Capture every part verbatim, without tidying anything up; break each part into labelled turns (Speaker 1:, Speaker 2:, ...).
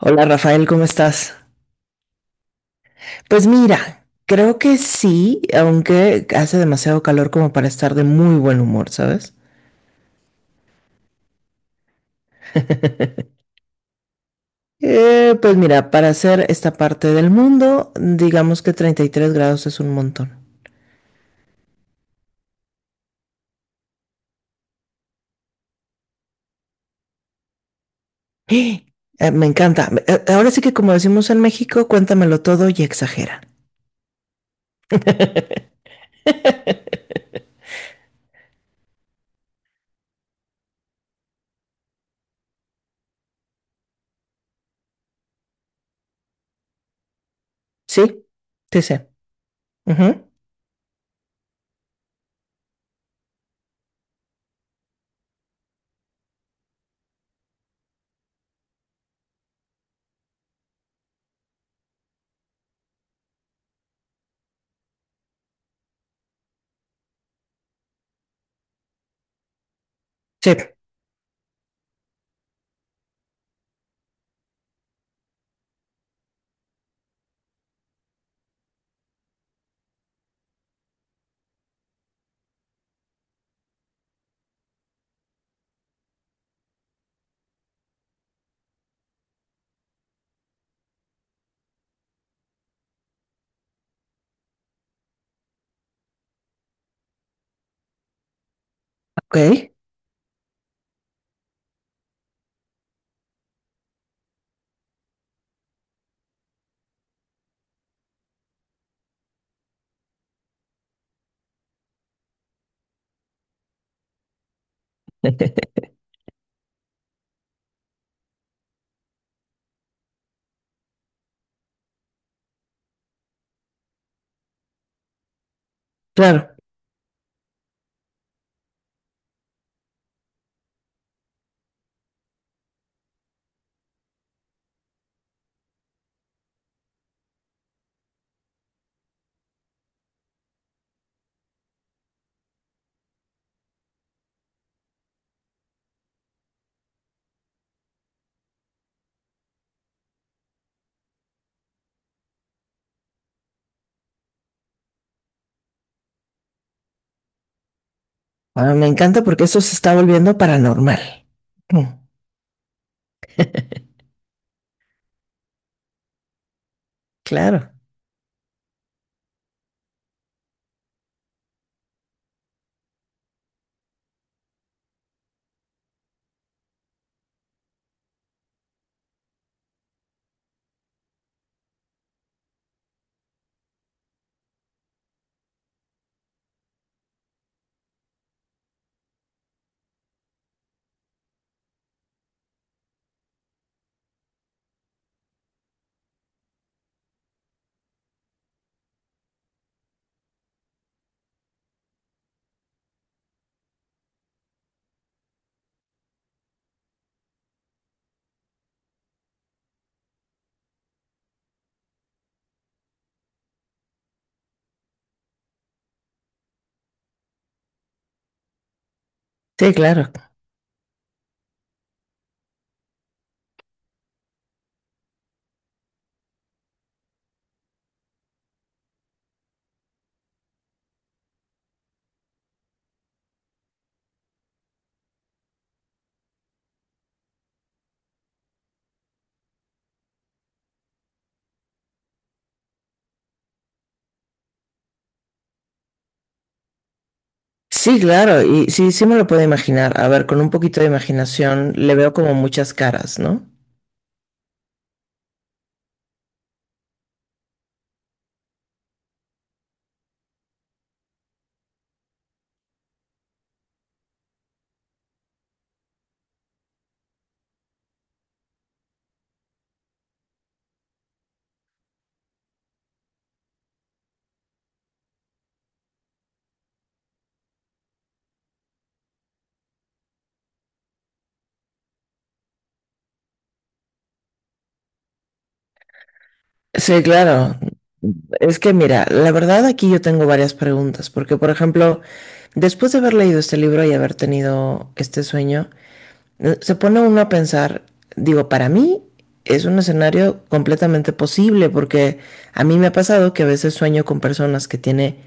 Speaker 1: Hola Rafael, ¿cómo estás? Pues mira, creo que sí, aunque hace demasiado calor como para estar de muy buen humor, ¿sabes? Eh, pues mira, para hacer esta parte del mundo, digamos que treinta y tres grados es un montón. Eh, me encanta. Eh, Ahora sí que como decimos en México, cuéntamelo todo y exagera. Sí, sí, sí. Ujú. Sí, ok, claro. Ahora me encanta porque esto se está volviendo paranormal. Mm, claro, sí, claro. Sí, claro, y sí, sí me lo puedo imaginar. A ver, con un poquito de imaginación le veo como muchas caras, ¿no? Sí, claro. Es que mira, la verdad aquí yo tengo varias preguntas, porque por ejemplo, después de haber leído este libro y haber tenido este sueño, Eh, Se pone uno a pensar, digo, para mí es un escenario completamente posible porque a mí me ha pasado que a veces sueño con personas que tiene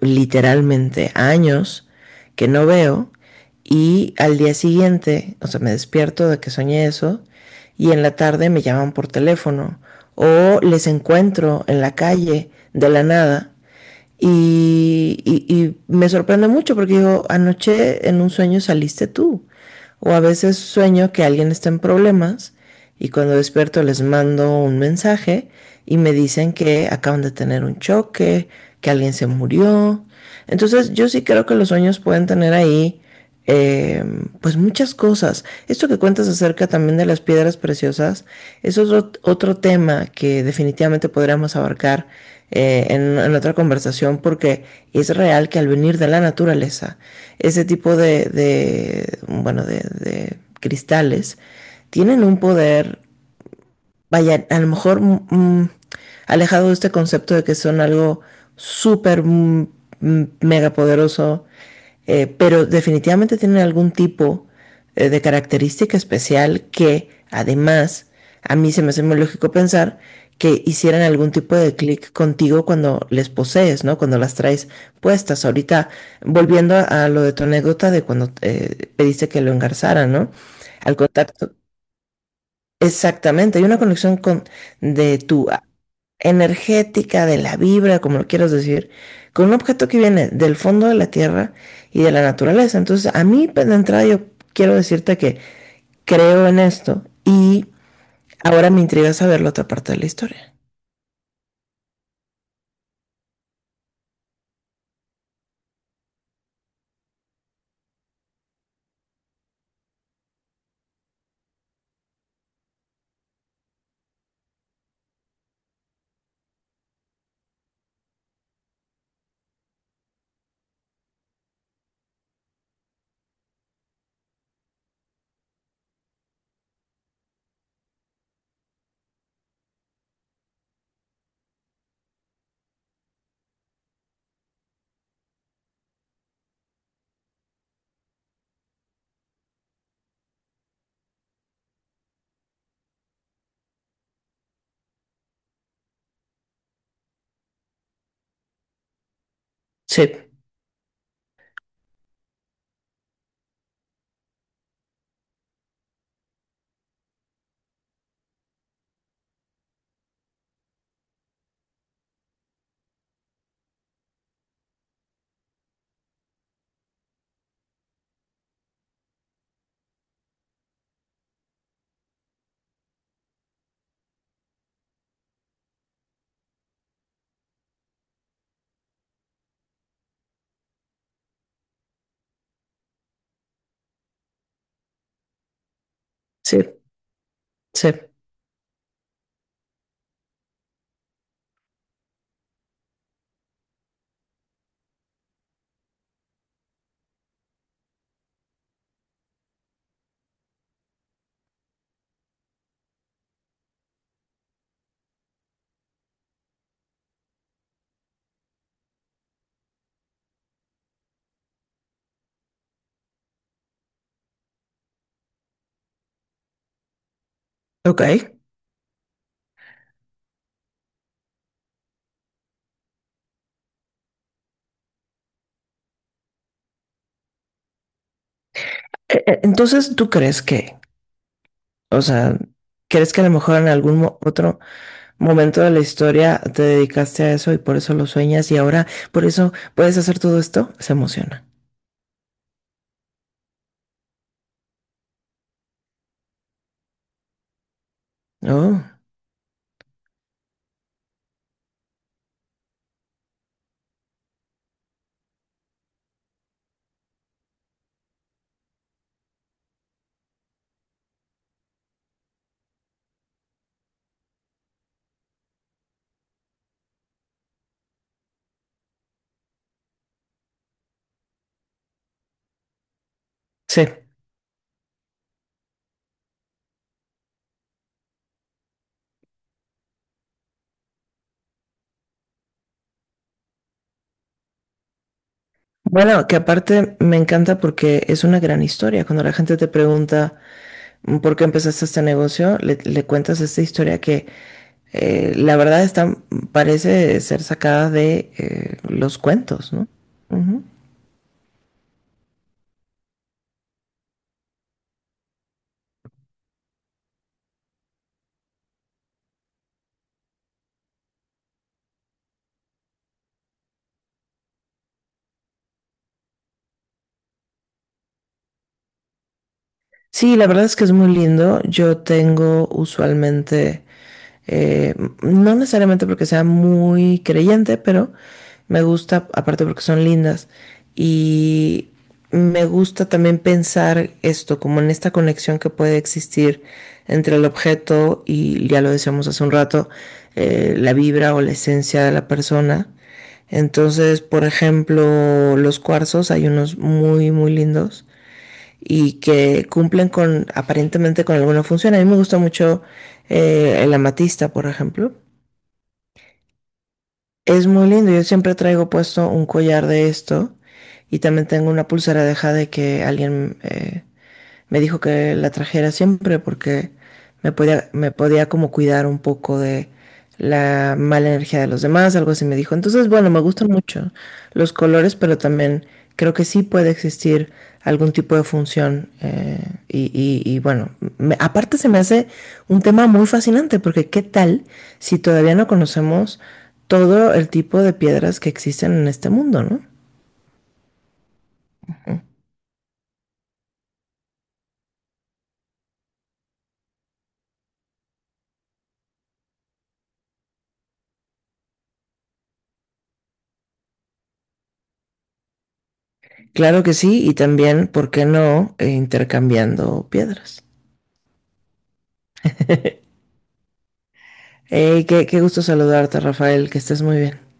Speaker 1: literalmente años que no veo y al día siguiente, o sea, me despierto de que soñé eso y en la tarde me llaman por teléfono o les encuentro en la calle de la nada y, y, y me sorprende mucho porque digo, anoche en un sueño saliste tú, o a veces sueño que alguien está en problemas y cuando despierto les mando un mensaje y me dicen que acaban de tener un choque, que alguien se murió. Entonces yo sí creo que los sueños pueden tener ahí eh, pues muchas cosas. Esto que cuentas acerca también de las piedras preciosas es otro, otro tema que definitivamente podríamos abarcar eh, en, en otra conversación porque es real que al venir de la naturaleza, ese tipo de, de bueno, de, de cristales tienen un poder, vaya, a lo mejor mm, mm, alejado de este concepto de que son algo súper mm, mm, mega poderoso, eh, pero definitivamente tienen algún tipo eh, de característica especial que además a mí se me hace muy lógico pensar que hicieran algún tipo de clic contigo cuando les posees, ¿no? Cuando las traes puestas. Ahorita, volviendo a, a lo de tu anécdota de cuando eh, pediste que lo engarzaran, ¿no? Al contacto, exactamente, hay una conexión con de tu a- energética, de la vibra, como lo quieras decir, con un objeto que viene del fondo de la tierra y de la naturaleza. Entonces, a mí pues, de entrada yo quiero decirte que creo en esto y ahora me intriga saber la otra parte de la historia. Sí, sí, sí. Ok. E- e- Entonces, ¿tú crees que, o sea, crees que a lo mejor en algún mo- otro momento de la historia te dedicaste a eso y por eso lo sueñas y ahora por eso puedes hacer todo esto, se emociona? Oh, sí. Bueno, que aparte me encanta porque es una gran historia. Cuando la gente te pregunta mm, por qué empezaste este negocio, le, le cuentas esta historia que eh, la verdad está, parece ser sacada de, eh, los cuentos, ¿no? Ujú. Sí, la verdad es que es muy lindo. Yo tengo usualmente, eh, no necesariamente porque sea muy creyente, pero me gusta, aparte porque son lindas, y me gusta también pensar esto, como en esta conexión que puede existir entre el objeto y, ya lo decíamos hace un rato, eh, la vibra o la esencia de la persona. Entonces, por ejemplo, los cuarzos, hay unos muy, muy lindos y que cumplen con aparentemente con alguna función. A mí me gusta mucho, eh, el amatista, por ejemplo. Es muy lindo. Yo siempre traigo puesto un collar de esto y también tengo una pulsera de jade que alguien, eh, me dijo que la trajera siempre porque me podía, me podía como cuidar un poco de la mala energía de los demás, algo así me dijo. Entonces, bueno, me gustan mucho los colores, pero también creo que sí puede existir algún tipo de función. eh, y, y- y, bueno, me- aparte se me hace un tema muy fascinante porque ¿qué tal si todavía no conocemos todo el tipo de piedras que existen en este mundo, ¿no? Claro que sí, y también, ¿por qué no, eh, intercambiando piedras? Hey, qué, qué gusto saludarte, Rafael, que estés muy bien.